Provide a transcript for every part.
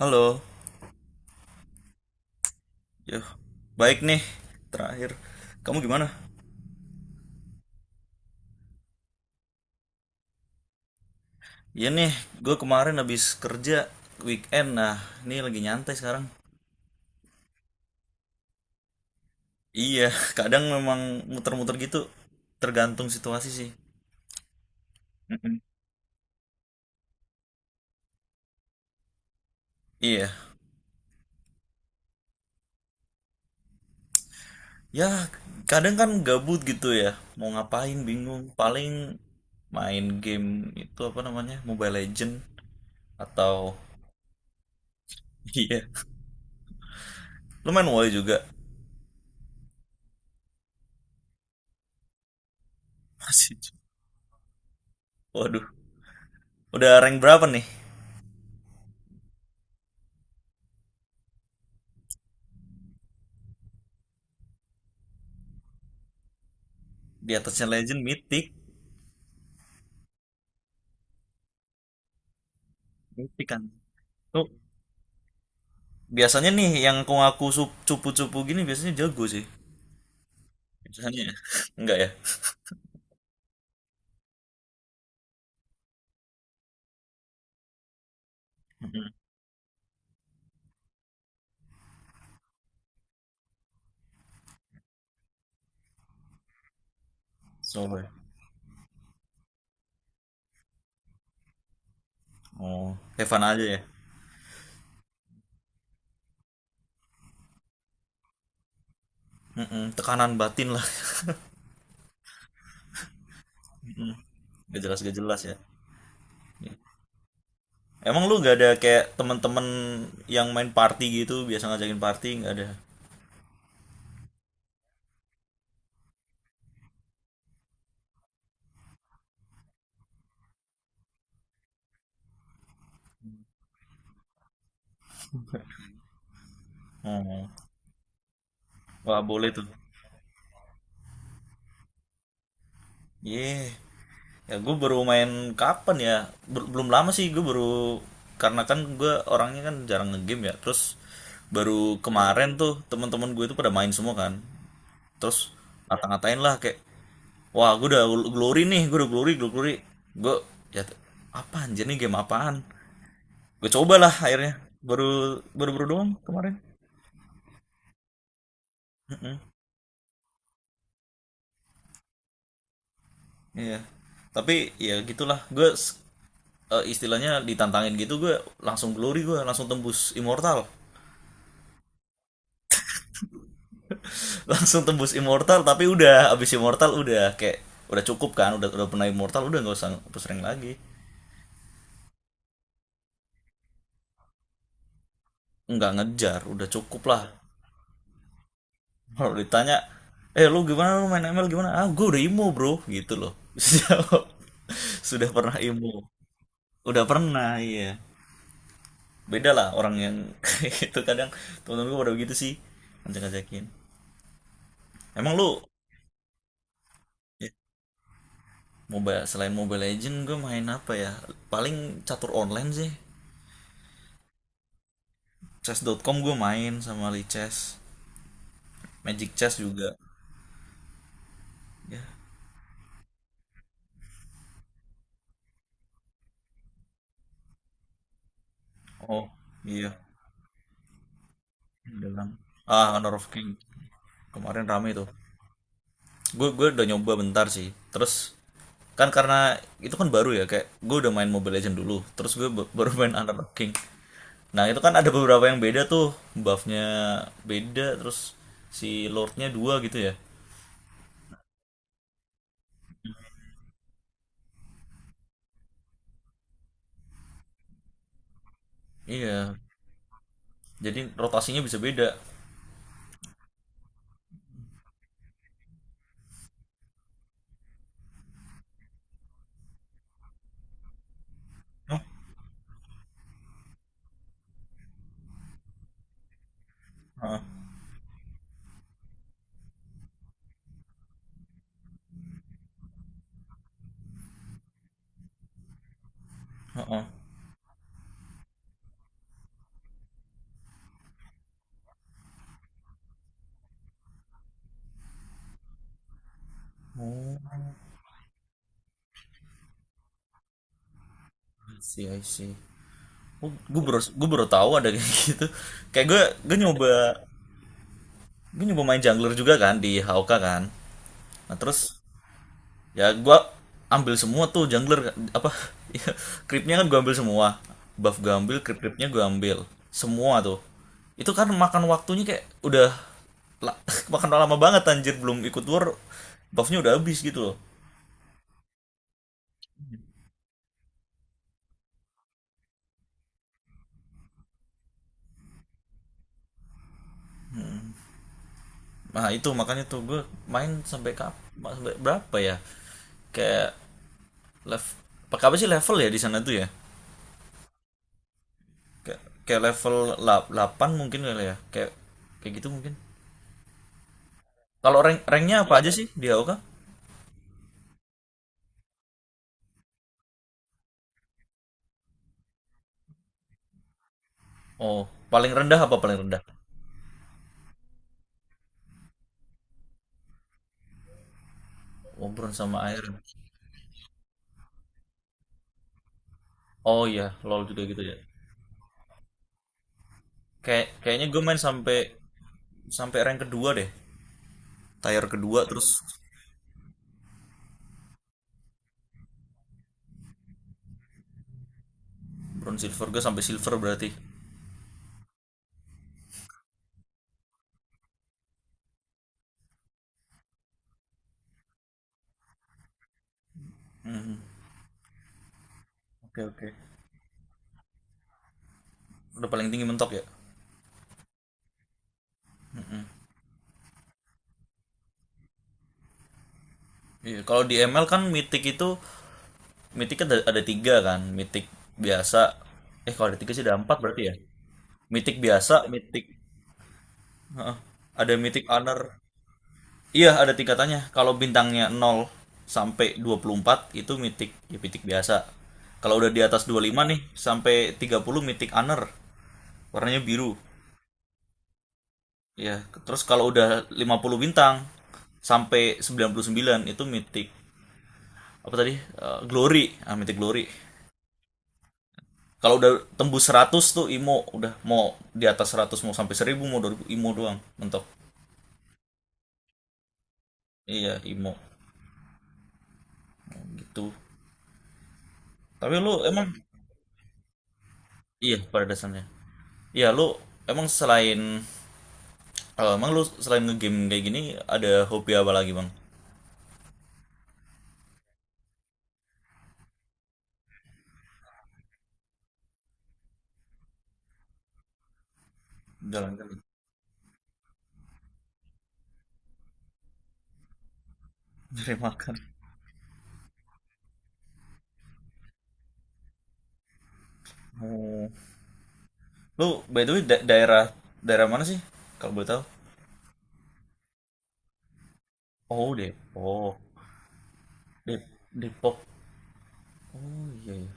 Halo, ya baik nih. Terakhir, kamu gimana? Iya nih, gue kemarin habis kerja weekend. Nah, ini lagi nyantai sekarang. Iya, kadang memang muter-muter gitu, tergantung situasi sih. Mm-mm. Iya, ya kadang kan gabut gitu ya, mau ngapain bingung. Paling main game itu apa namanya, Mobile Legend atau iya, lu main WoW juga. Masih. Waduh, udah rank berapa nih? Di atasnya Legend, Mythic, Mythic kan? Tuh, biasanya nih yang ngaku cupu-cupu gini biasanya jago sih. Biasanya ya. Enggak ya? Soalnya. Oh, Evan aja ya. Mm-mm, tekanan batin lah. Mm, gak jelas gak jelas ya. Iya. Emang lu gak ada kayak temen-temen yang main party gitu, biasa ngajakin party nggak ada? Oh, wah boleh tuh. Yeah. Ya gue baru main kapan ya? Belum lama sih gue baru karena kan gue orangnya kan jarang ngegame ya. Terus baru kemarin tuh teman-teman gue itu pada main semua kan. Terus ngata-ngatain lah kayak wah gue udah glory nih, gue udah glory, glory. Gue ya apa anjir nih game apaan? Gue cobalah akhirnya. Baru baru baru doang kemarin. Iya. Tapi ya gitulah. Istilahnya ditantangin gitu gue langsung glory, gue langsung tembus immortal. Langsung tembus immortal tapi udah abis immortal udah kayak udah cukup kan udah pernah immortal, udah nggak usah sering lagi, nggak ngejar udah cukup lah. Kalau ditanya eh lu gimana, lu main ML gimana, ah gue udah imo bro gitu loh. Terus jawab, sudah pernah imo, udah pernah, iya. Beda lah orang yang. Itu kadang temen-temen gue pada begitu sih, ngajak-ngajakin. Emang lu ya, MOBA selain Mobile Legend gue main apa ya? Paling catur online sih. Chess.com gue main sama Lee Chess. Magic Chess juga. Ya. Oh, iya. Dalam. Ah, Honor of King. Kemarin rame tuh. Gue udah nyoba bentar sih. Terus kan karena itu kan baru ya, kayak gue udah main Mobile Legend dulu. Terus baru main Honor of King. Nah, itu kan ada beberapa yang beda tuh. Buffnya beda, terus si Lordnya dua gitu ya. Iya, jadi rotasinya bisa beda. Oh, heeh. Heeh. Oh, I see, I see. Oh, gue baru tahu ada kayak gitu. Kayak gue nyoba gue nyoba main jungler juga kan di HOK kan. Nah, terus ya gue ambil semua tuh jungler apa. Ya, creepnya kan gue ambil semua. Buff gue ambil, creep-creepnya gue ambil. Semua tuh. Itu kan makan waktunya kayak udah la- makan lama banget anjir, belum ikut war buffnya udah habis gitu loh. Nah itu makanya tuh gue main sampai sampai berapa ya? Kayak level, pakai apa sih, level ya di sana tuh ya? Kayak la- mungkin kali ya. Kayak kayak gitu mungkin. Kalau ranknya apa aja sih di AoK? Oh, paling rendah apa paling rendah? Oh, bronze sama air. Oh iya, LoL juga gitu ya. Kayaknya gue main sampai sampai rank kedua deh. Tier kedua terus bronze silver, gue sampai silver berarti. Oke, oke. Udah paling tinggi mentok ya? Iya, kalau di ML kan mitik itu mitik ada tiga kan, mitik biasa. Eh kalau ada tiga sih ada empat berarti ya. Mitik biasa, mitik, heeh, ada mitik honor. Iya ada tingkatannya. Kalau bintangnya 0 sampai 24 itu mitik ya mitik biasa. Kalau udah di atas 25 nih sampai 30 mitik honor. Warnanya biru. Ya, terus kalau udah 50 bintang sampai 99 itu mitik apa tadi? Eh, glory. Ah, mitik glory. Kalau udah tembus 100 tuh IMO, udah mau di atas 100, mau sampai 1000, mau 2000, IMO doang mentok. Iya, IMO. Gitu. Tapi lu emang iya pada dasarnya. Iya, lu emang selain emang lu selain ngegame kayak gini ada hobi apa lagi, Bang? Jalan jalan, cari makan. Oh. Lu by the way daerah daerah mana sih? Kalau boleh tahu? Oh, Depok. Dep Depok. Oh iya, iya.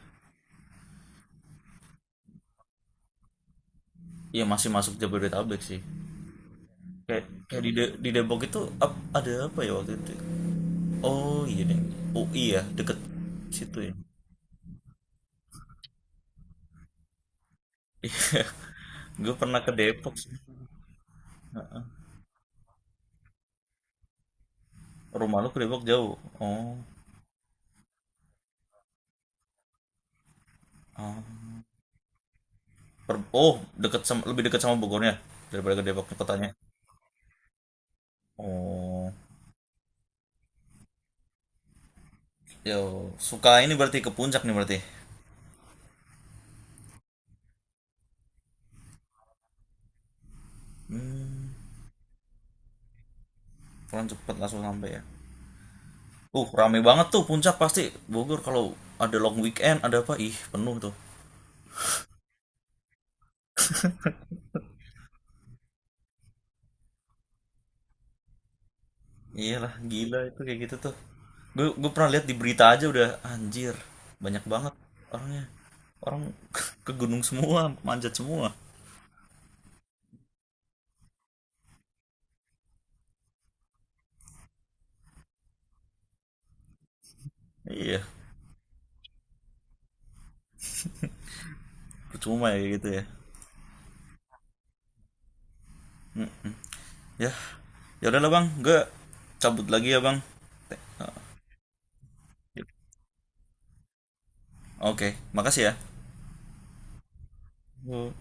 Iya masih masuk Jabodetabek sih. Kayak kayak di di Depok itu ada apa ya waktu itu. Oh iya deh, UI ya deket situ ya. Iya gue pernah ke Depok sih. Rumah lu ke Depok jauh? Oh, ah. Oh deket sama, lebih deket sama Bogornya daripada ke Depok kotanya. Oh ya, suka ini berarti ke puncak nih berarti. Hmm, kurang cepet langsung sampai ya. Rame banget tuh puncak pasti, Bogor kalau ada long weekend ada apa, ih penuh tuh. Iyalah, gila itu kayak gitu tuh. Gue pernah lihat di berita aja udah anjir, banyak banget orangnya. Orang ke gunung semua, manjat semua. Iya, percuma ya kayak gitu ya. Hmm, ya, ya udahlah Bang, gue cabut lagi ya Bang. Oke, makasih ya.